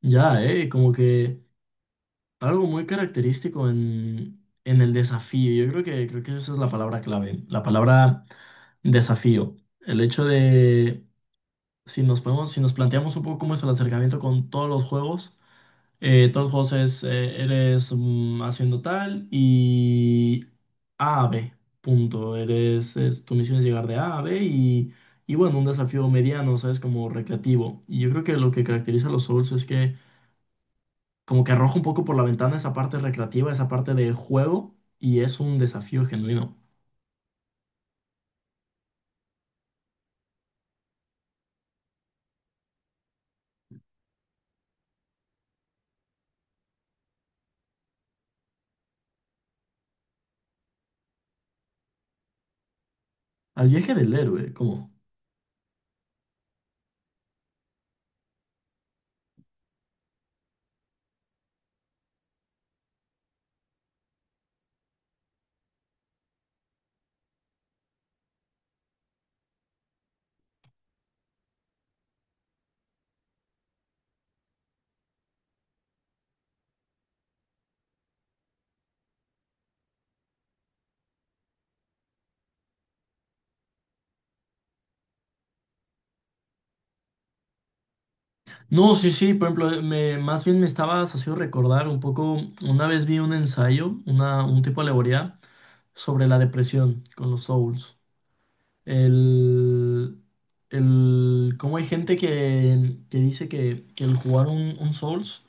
Ya, como que algo muy característico en el desafío. Yo creo creo que esa es la palabra clave, la palabra desafío. El hecho de, si nos podemos, si nos planteamos un poco cómo es el acercamiento con todos los juegos es, eres haciendo tal y A a B, punto. Eres, tu misión es llegar de A a B y bueno, un desafío mediano, ¿sabes? Como recreativo. Y yo creo que lo que caracteriza a los Souls es que como que arroja un poco por la ventana esa parte recreativa, esa parte de juego, y es un desafío genuino. Al viaje del héroe, ¿cómo? No, sí, sí, por ejemplo, más bien me estaba haciendo recordar un poco, una vez vi un ensayo, un tipo de alegoría sobre la depresión con los souls. El, cómo hay gente que dice que el jugar un souls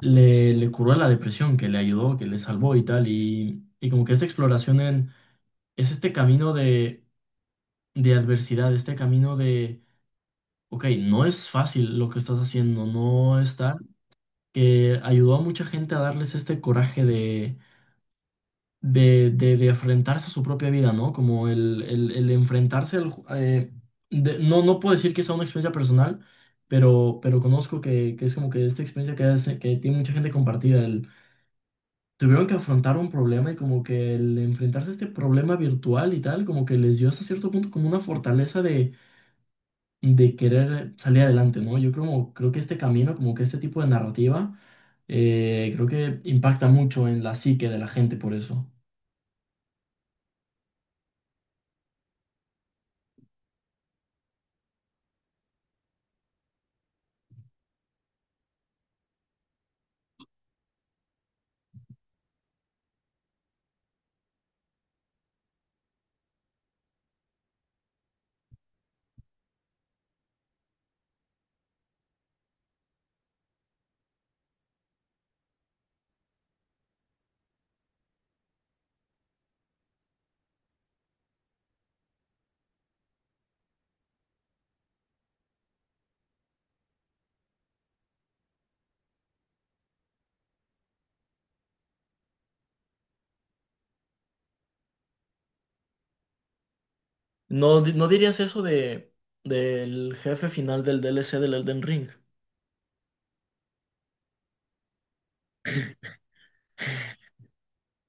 le curó la depresión, que le ayudó, que le salvó y tal, y como que esa exploración en es este camino de adversidad, este camino de, ok, no es fácil lo que estás haciendo, no está, que ayudó a mucha gente a darles este coraje de enfrentarse a su propia vida, ¿no? Como el enfrentarse al... no, no puedo decir que sea una experiencia personal, pero conozco que es como que esta experiencia que tiene mucha gente compartida, el... Tuvieron que afrontar un problema y como que el enfrentarse a este problema virtual y tal, como que les dio hasta cierto punto como una fortaleza de querer salir adelante, ¿no? Yo creo que este camino, como que este tipo de narrativa, creo que impacta mucho en la psique de la gente por eso. ¿No, no dirías eso de del jefe final del DLC del Elden Ring?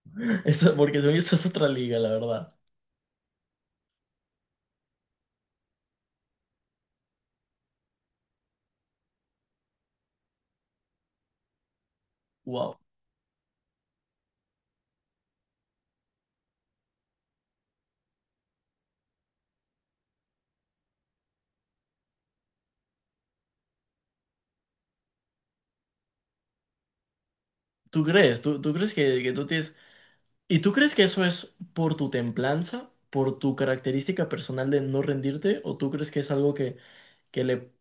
Eso, porque según yo, eso es otra liga, la verdad. Wow. ¿Tú crees? Tú crees que tú tienes... ¿Y tú crees que eso es por tu templanza, por tu característica personal de no rendirte? ¿O tú crees que es algo que le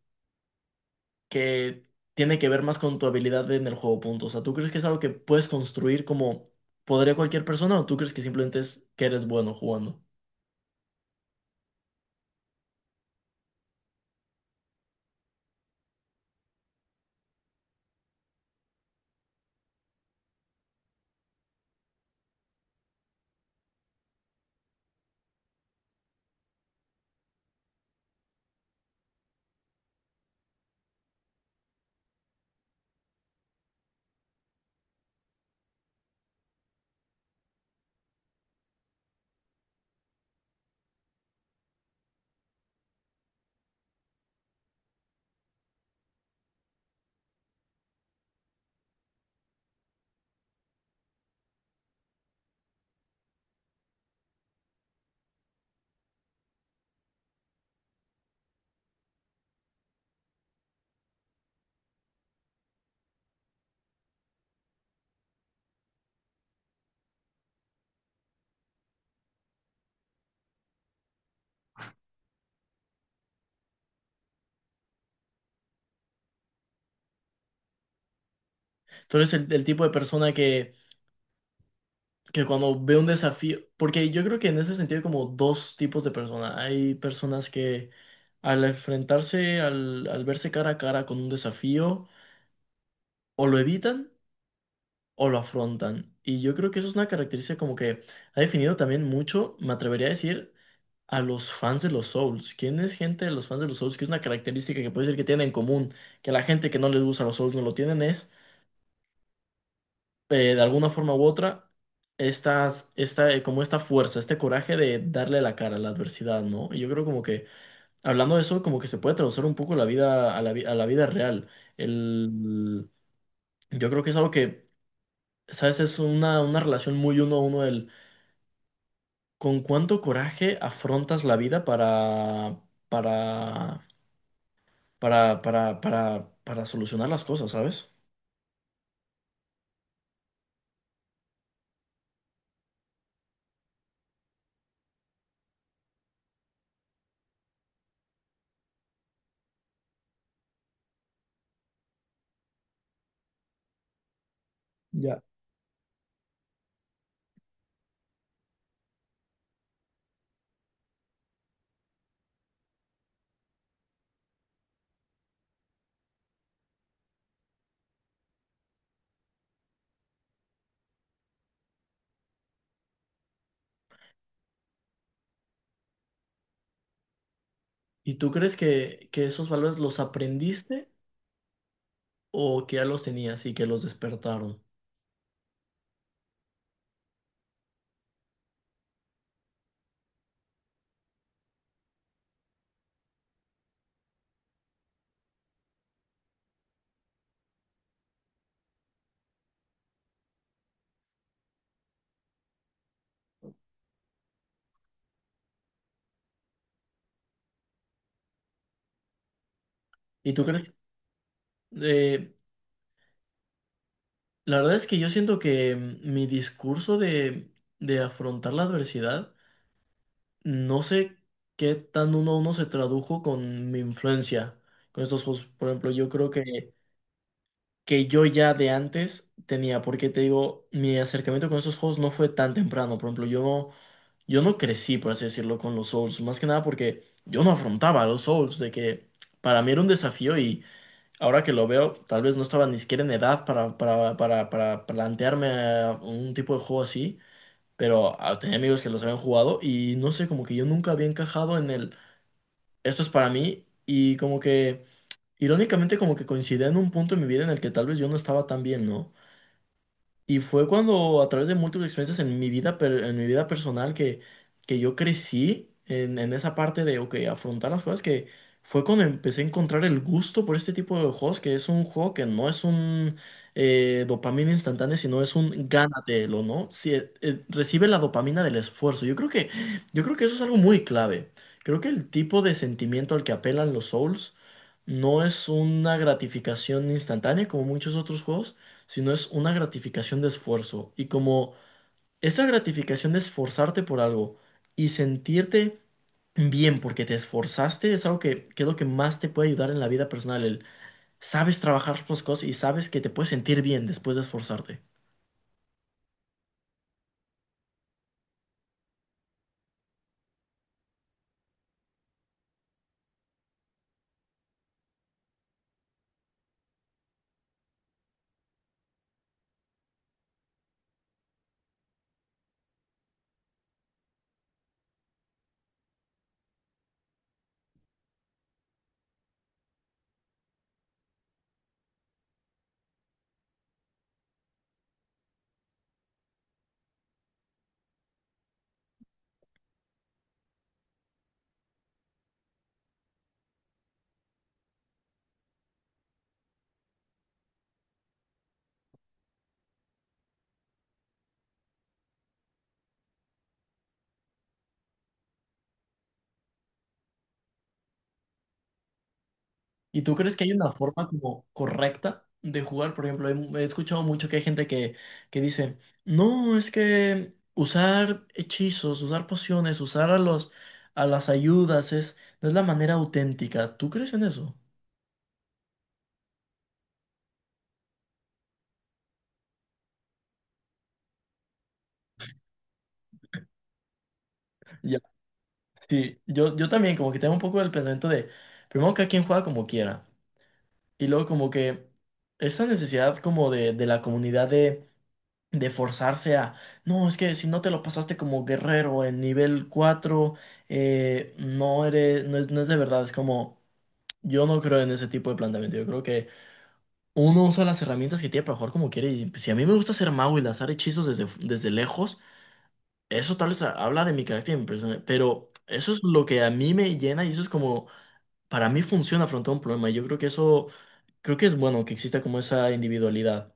que tiene que ver más con tu habilidad en el juego, punto. O sea, ¿tú crees que es algo que puedes construir como podría cualquier persona o tú crees que simplemente es que eres bueno jugando? Tú eres el tipo de persona que cuando ve un desafío, porque yo creo que en ese sentido hay como dos tipos de personas. Hay personas que al enfrentarse, al verse cara a cara con un desafío, o lo evitan o lo afrontan. Y yo creo que eso es una característica como que ha definido también mucho, me atrevería a decir, a los fans de los Souls. ¿Quién es gente de los fans de los Souls? Que es una característica que puede ser que tienen en común, que la gente que no les gusta los Souls no lo tienen, es de alguna forma u otra, como esta fuerza, este coraje de darle la cara a la adversidad, ¿no? Y yo creo como que, hablando de eso, como que se puede traducir un poco la vida, a la vida real. El, yo creo que es algo que, ¿sabes? Es una relación muy uno a uno del con cuánto coraje afrontas la vida para para solucionar las cosas, ¿sabes? Ya. ¿Y tú crees que esos valores los aprendiste o que ya los tenías y que los despertaron? ¿Y tú crees? eh, la verdad es que yo siento que mi discurso de afrontar la adversidad, no sé qué tan uno a uno se tradujo con mi influencia, con estos juegos. Por ejemplo, yo creo que yo ya de antes tenía, porque te digo, mi acercamiento con esos juegos no fue tan temprano. Por ejemplo, yo no crecí, por así decirlo, con los Souls, más que nada porque yo no afrontaba a los Souls, de que para mí era un desafío y ahora que lo veo, tal vez no estaba ni siquiera en edad para plantearme un tipo de juego así, pero tenía amigos que los habían jugado y no sé, como que yo nunca había encajado en el, esto es para mí y como que... Irónicamente como que coincidía en un punto en mi vida en el que tal vez yo no estaba tan bien, ¿no? Y fue cuando a través de múltiples experiencias en mi vida, en mi vida personal que yo crecí en esa parte de, ok, afrontar las cosas, que fue cuando empecé a encontrar el gusto por este tipo de juegos, que es un juego que no es un dopamina instantánea, sino es un gánatelo, ¿no? Si, recibe la dopamina del esfuerzo. Yo creo yo creo que eso es algo muy clave. Creo que el tipo de sentimiento al que apelan los Souls no es una gratificación instantánea como muchos otros juegos sino es una gratificación de esfuerzo. Y como esa gratificación de esforzarte por algo y sentirte bien porque te esforzaste es algo que es lo que más te puede ayudar en la vida personal. El sabes trabajar las cosas y sabes que te puedes sentir bien después de esforzarte. ¿Y tú crees que hay una forma como correcta de jugar? Por ejemplo, he escuchado mucho que hay gente que dice, no, es que usar hechizos, usar pociones, usar a a las ayudas es, no es la manera auténtica. ¿Tú crees en eso? Ya, sí, yo también como que tengo un poco el pensamiento de, primero cada quien juega como quiera, y luego como que esa necesidad como de la comunidad de forzarse a, no, es que si no te lo pasaste como guerrero en nivel 4 no eres, no es de verdad, es como, yo no creo en ese tipo de planteamiento, yo creo que uno usa las herramientas que tiene para jugar como quiere, y pues, si a mí me gusta hacer mago y lanzar hechizos desde lejos, eso tal vez habla de mi carácter y mi persona, pero eso es lo que a mí me llena y eso es como, para mí funciona afrontar un problema, y yo creo que eso, creo que es bueno que exista como esa individualidad.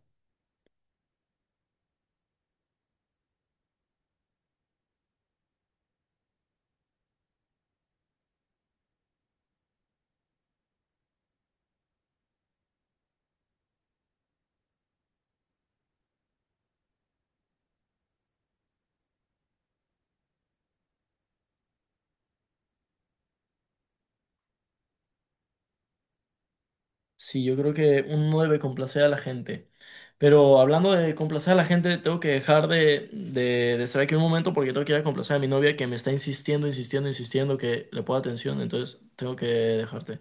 Sí, yo creo que uno no debe complacer a la gente. Pero hablando de complacer a la gente, tengo que dejar de estar aquí un momento porque tengo que ir a complacer a mi novia que me está insistiendo, insistiendo, insistiendo que le pueda atención. Entonces, tengo que dejarte.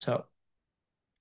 Chao.